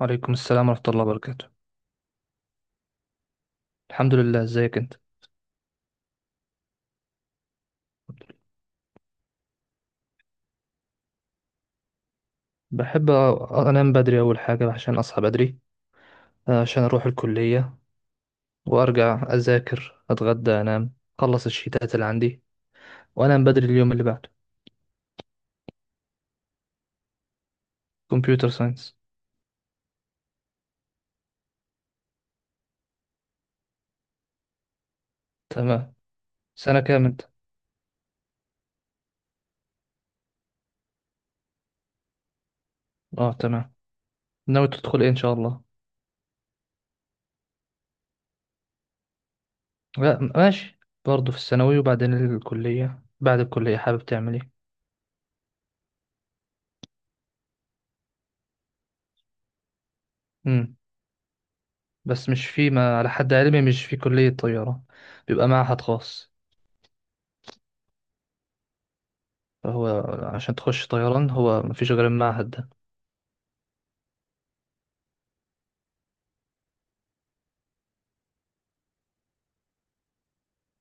وعليكم السلام ورحمة الله وبركاته. الحمد لله، ازيك انت. بحب انام بدري اول حاجة عشان اصحى بدري. عشان اروح الكلية وارجع اذاكر اتغدى انام. اخلص الشيتات اللي عندي وانام بدري اليوم اللي بعده. كمبيوتر ساينس. تمام، سنة كام انت. اه تمام. ناوي تدخل ايه ان شاء الله. لا م- ماشي، برضه في الثانوي، وبعدين الكلية. بعد الكلية حابب تعمل ايه. امم بس مش في، ما على حد علمي مش في كلية طيارة، بيبقى معهد خاص. فهو عشان تخش طيران هو مفيش غير المعهد ده.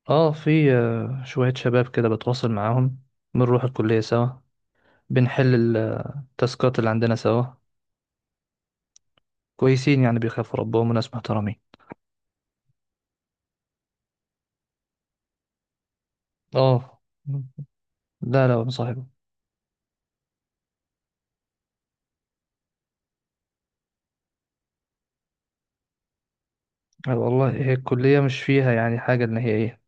اه في، شوية شباب كده بتواصل معاهم، بنروح الكلية سوا، بنحل التاسكات اللي عندنا سوا. كويسين يعني، بيخافوا ربهم وناس محترمين. اه. لا لا، مصاحبه. والله هي الكلية مش فيها يعني حاجة، إن هي إيه.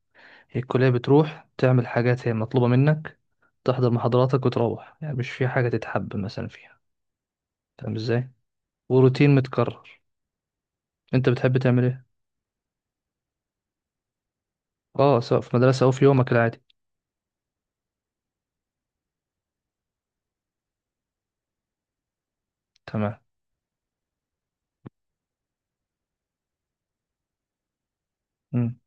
هي الكلية بتروح تعمل حاجات هي مطلوبة منك، تحضر محاضراتك وتروح، يعني مش في حاجة تتحب مثلا فيها، فاهم إزاي. وروتين متكرر. أنت بتحب تعمل إيه؟ اه سواء في مدرسة أو في يومك العادي. تمام. مم.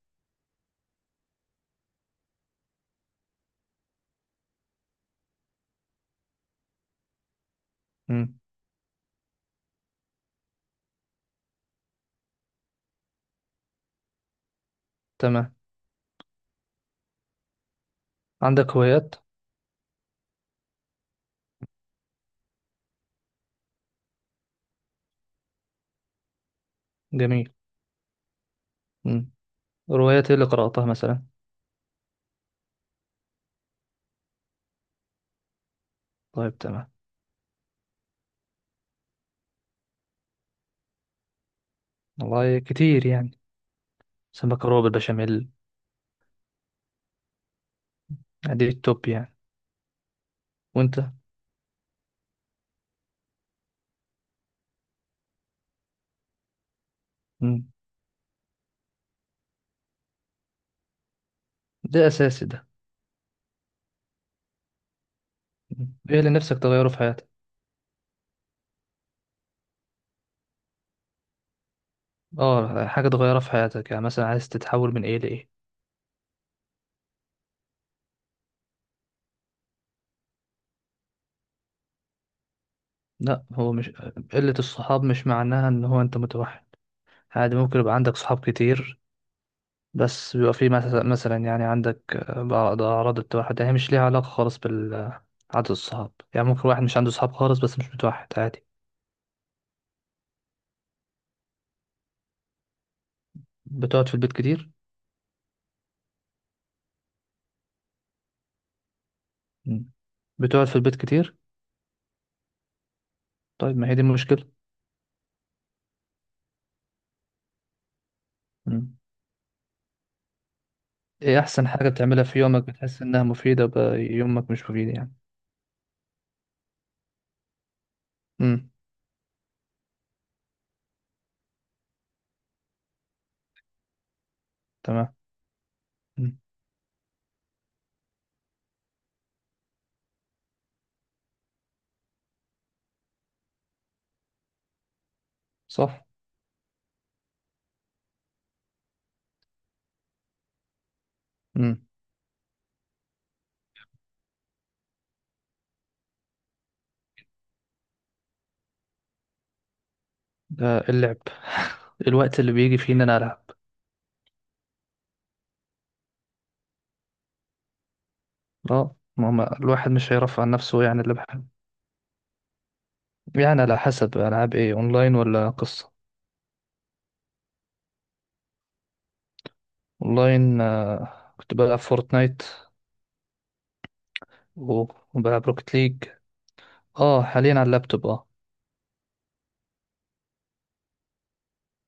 مم. تمام. عندك هوايات. جميل. مم. روايات ايه اللي قرأتها مثلا. طيب تمام. والله كتير يعني، سمك روب بشاميل، دي التوب يعني. وانت. مم. ده اساسي ده. مم. ايه اللي نفسك تغيره في حياتك. اه حاجة تغيرها في حياتك يعني، مثلا عايز تتحول من ايه لايه. لا هو مش، قلة الصحاب مش معناها ان هو انت متوحد. عادي ممكن يبقى عندك صحاب كتير، بس بيبقى في مس- مثلا يعني عندك، بعض أعراض التوحد، يعني مش ليها علاقة خالص بال عدد الصحاب. يعني ممكن واحد مش عنده صحاب خالص بس مش متوحد، عادي. بتقعد في البيت كتير. مم. بتقعد في البيت كتير. طيب ما هي دي المشكلة. مم. ايه أحسن حاجة بتعملها في يومك بتحس إنها مفيدة، بقى يومك مش مفيد يعني. امم. تمام. مم. صح. امم. ده اللعب الوقت اللي بيجي فيه إن أنا ألعب. اه ما هو الواحد مش هيرفع عن نفسه يعني اللي بحب. يعني على حسب، ألعاب ايه، أونلاين ولا قصة. والله إن، كنت بلعب فورتنايت و- وبلعب روكت ليج. اه حاليا على اللابتوب، اه.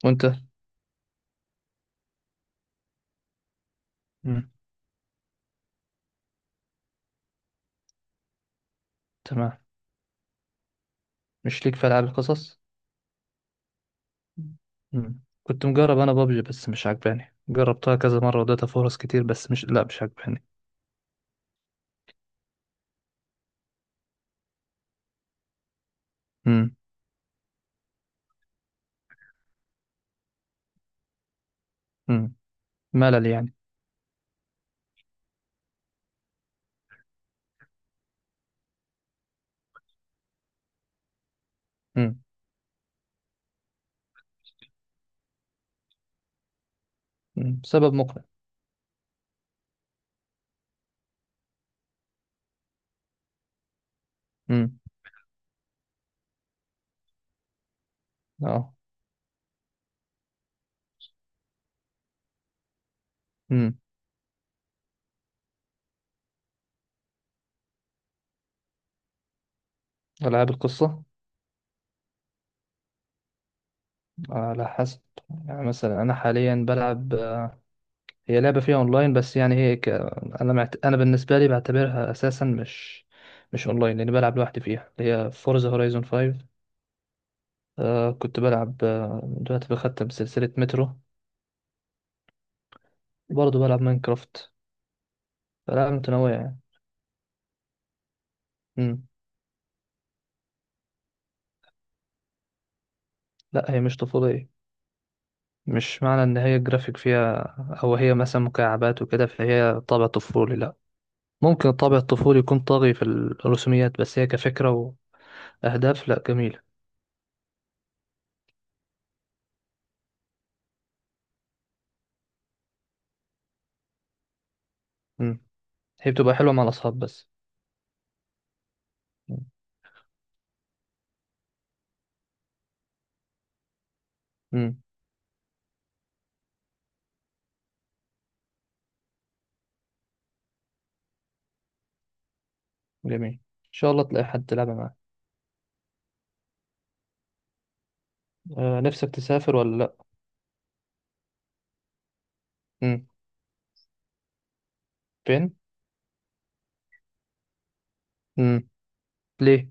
وانت. مم. تمام. مش ليك في ألعاب القصص. مم. كنت مجرب انا بابجي بس مش عجباني، جربتها كذا مرة واديتها فرص كتير بس مش، لا مش عجباني. مم. مم. ملل يعني. مم. مم. سبب مقنع. مم. اه. مم. ألعاب القصة، على حسب. يعني مثلا أنا حاليا بلعب، هي لعبة فيها اونلاين بس يعني انا بالنسبة لي بعتبرها اساسا مش، مش اونلاين لاني بلعب لوحدي فيها، اللي هي فورزا هورايزون 5. آه كنت بلعب، دلوقتي بختم سلسلة مترو، وبرضه بلعب ماينكرافت. فلعبة متنوعة يعني. مم. لا هي مش طفولية. مش معنى ان هي الجرافيك فيها او هي مثلا مكعبات وكده فهي طابع طفولي، لا. ممكن الطابع الطفولي يكون طاغي في الرسوميات بس هي كفكرة واهداف لا، جميلة. مم. هي بتبقى حلوة مع الاصحاب بس. مم. جميل، ان شاء الله تلاقي حد تلعب معاه. آه نفسك تسافر ولا لا. امم. فين. امم. ليه.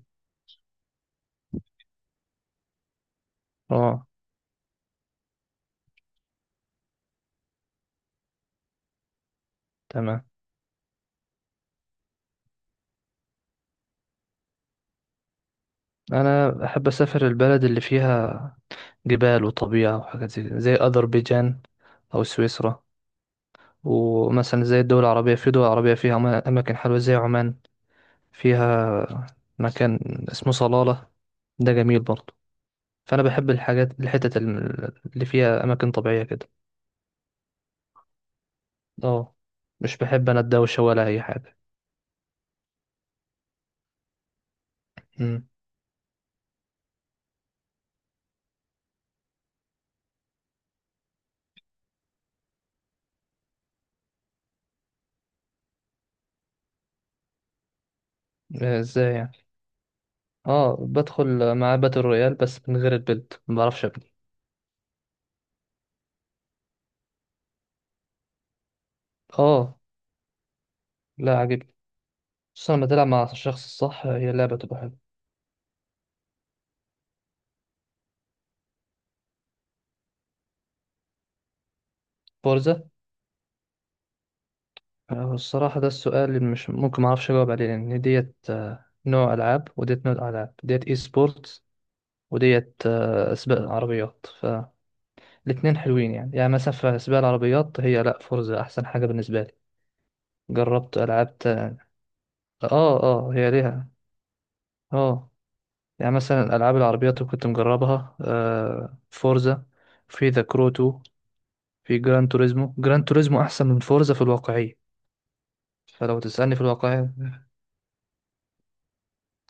اه تمام. انا احب اسافر البلد اللي فيها جبال وطبيعه وحاجات زي كده، زي اذربيجان او سويسرا. ومثلا زي الدول العربيه، في دول عربيه فيها اماكن حلوه، زي عمان، فيها مكان اسمه صلاله، ده جميل برضه. فانا بحب الحاجات الحتت اللي فيها اماكن طبيعيه كده. اه. مش بحب انا الدوشه ولا اي حاجه. امم. ازاي يعني. اه بدخل مع باتل رويال بس من غير البيلد، ما بعرفش ابني. اه. لا عاجبني، خصوصا لما تلعب مع الشخص الصح هي اللعبة تبقى حلوة. فورزا. الصراحة ده السؤال اللي مش ممكن ما اعرفش اجاوب عليه، لان ديت نوع العاب وديت نوع العاب، ديت اي سبورتس وديت، سباق العربيات. فالاتنين حلوين يعني، يعني مثلا في سباق العربيات هي لا فورزا احسن حاجة بالنسبة لي. جربت العاب اه اه، هي ليها اه. يعني مثلا الألعاب العربيات اللي كنت مجربها آه، فورزا، في ذا كرو 2، في جران توريزمو. جران توريزمو أحسن من فورزا في الواقعية. فلو تسألني في الواقعية،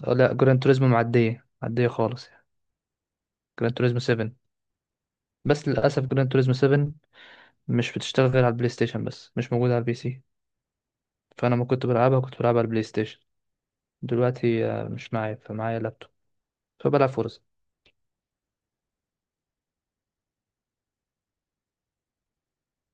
لا جران توريزمو معدية، معدية خالص يعني. جران توريزمو 7. بس للأسف جران توريزمو 7 مش بتشتغل غير على البلاي ستيشن، بس مش موجودة على البي سي. فأنا ما كنت بلعبها، كنت بلعبها على البلاي ستيشن. دلوقتي، مش معايا، فمعايا لابتوب، فبلعب فورزا.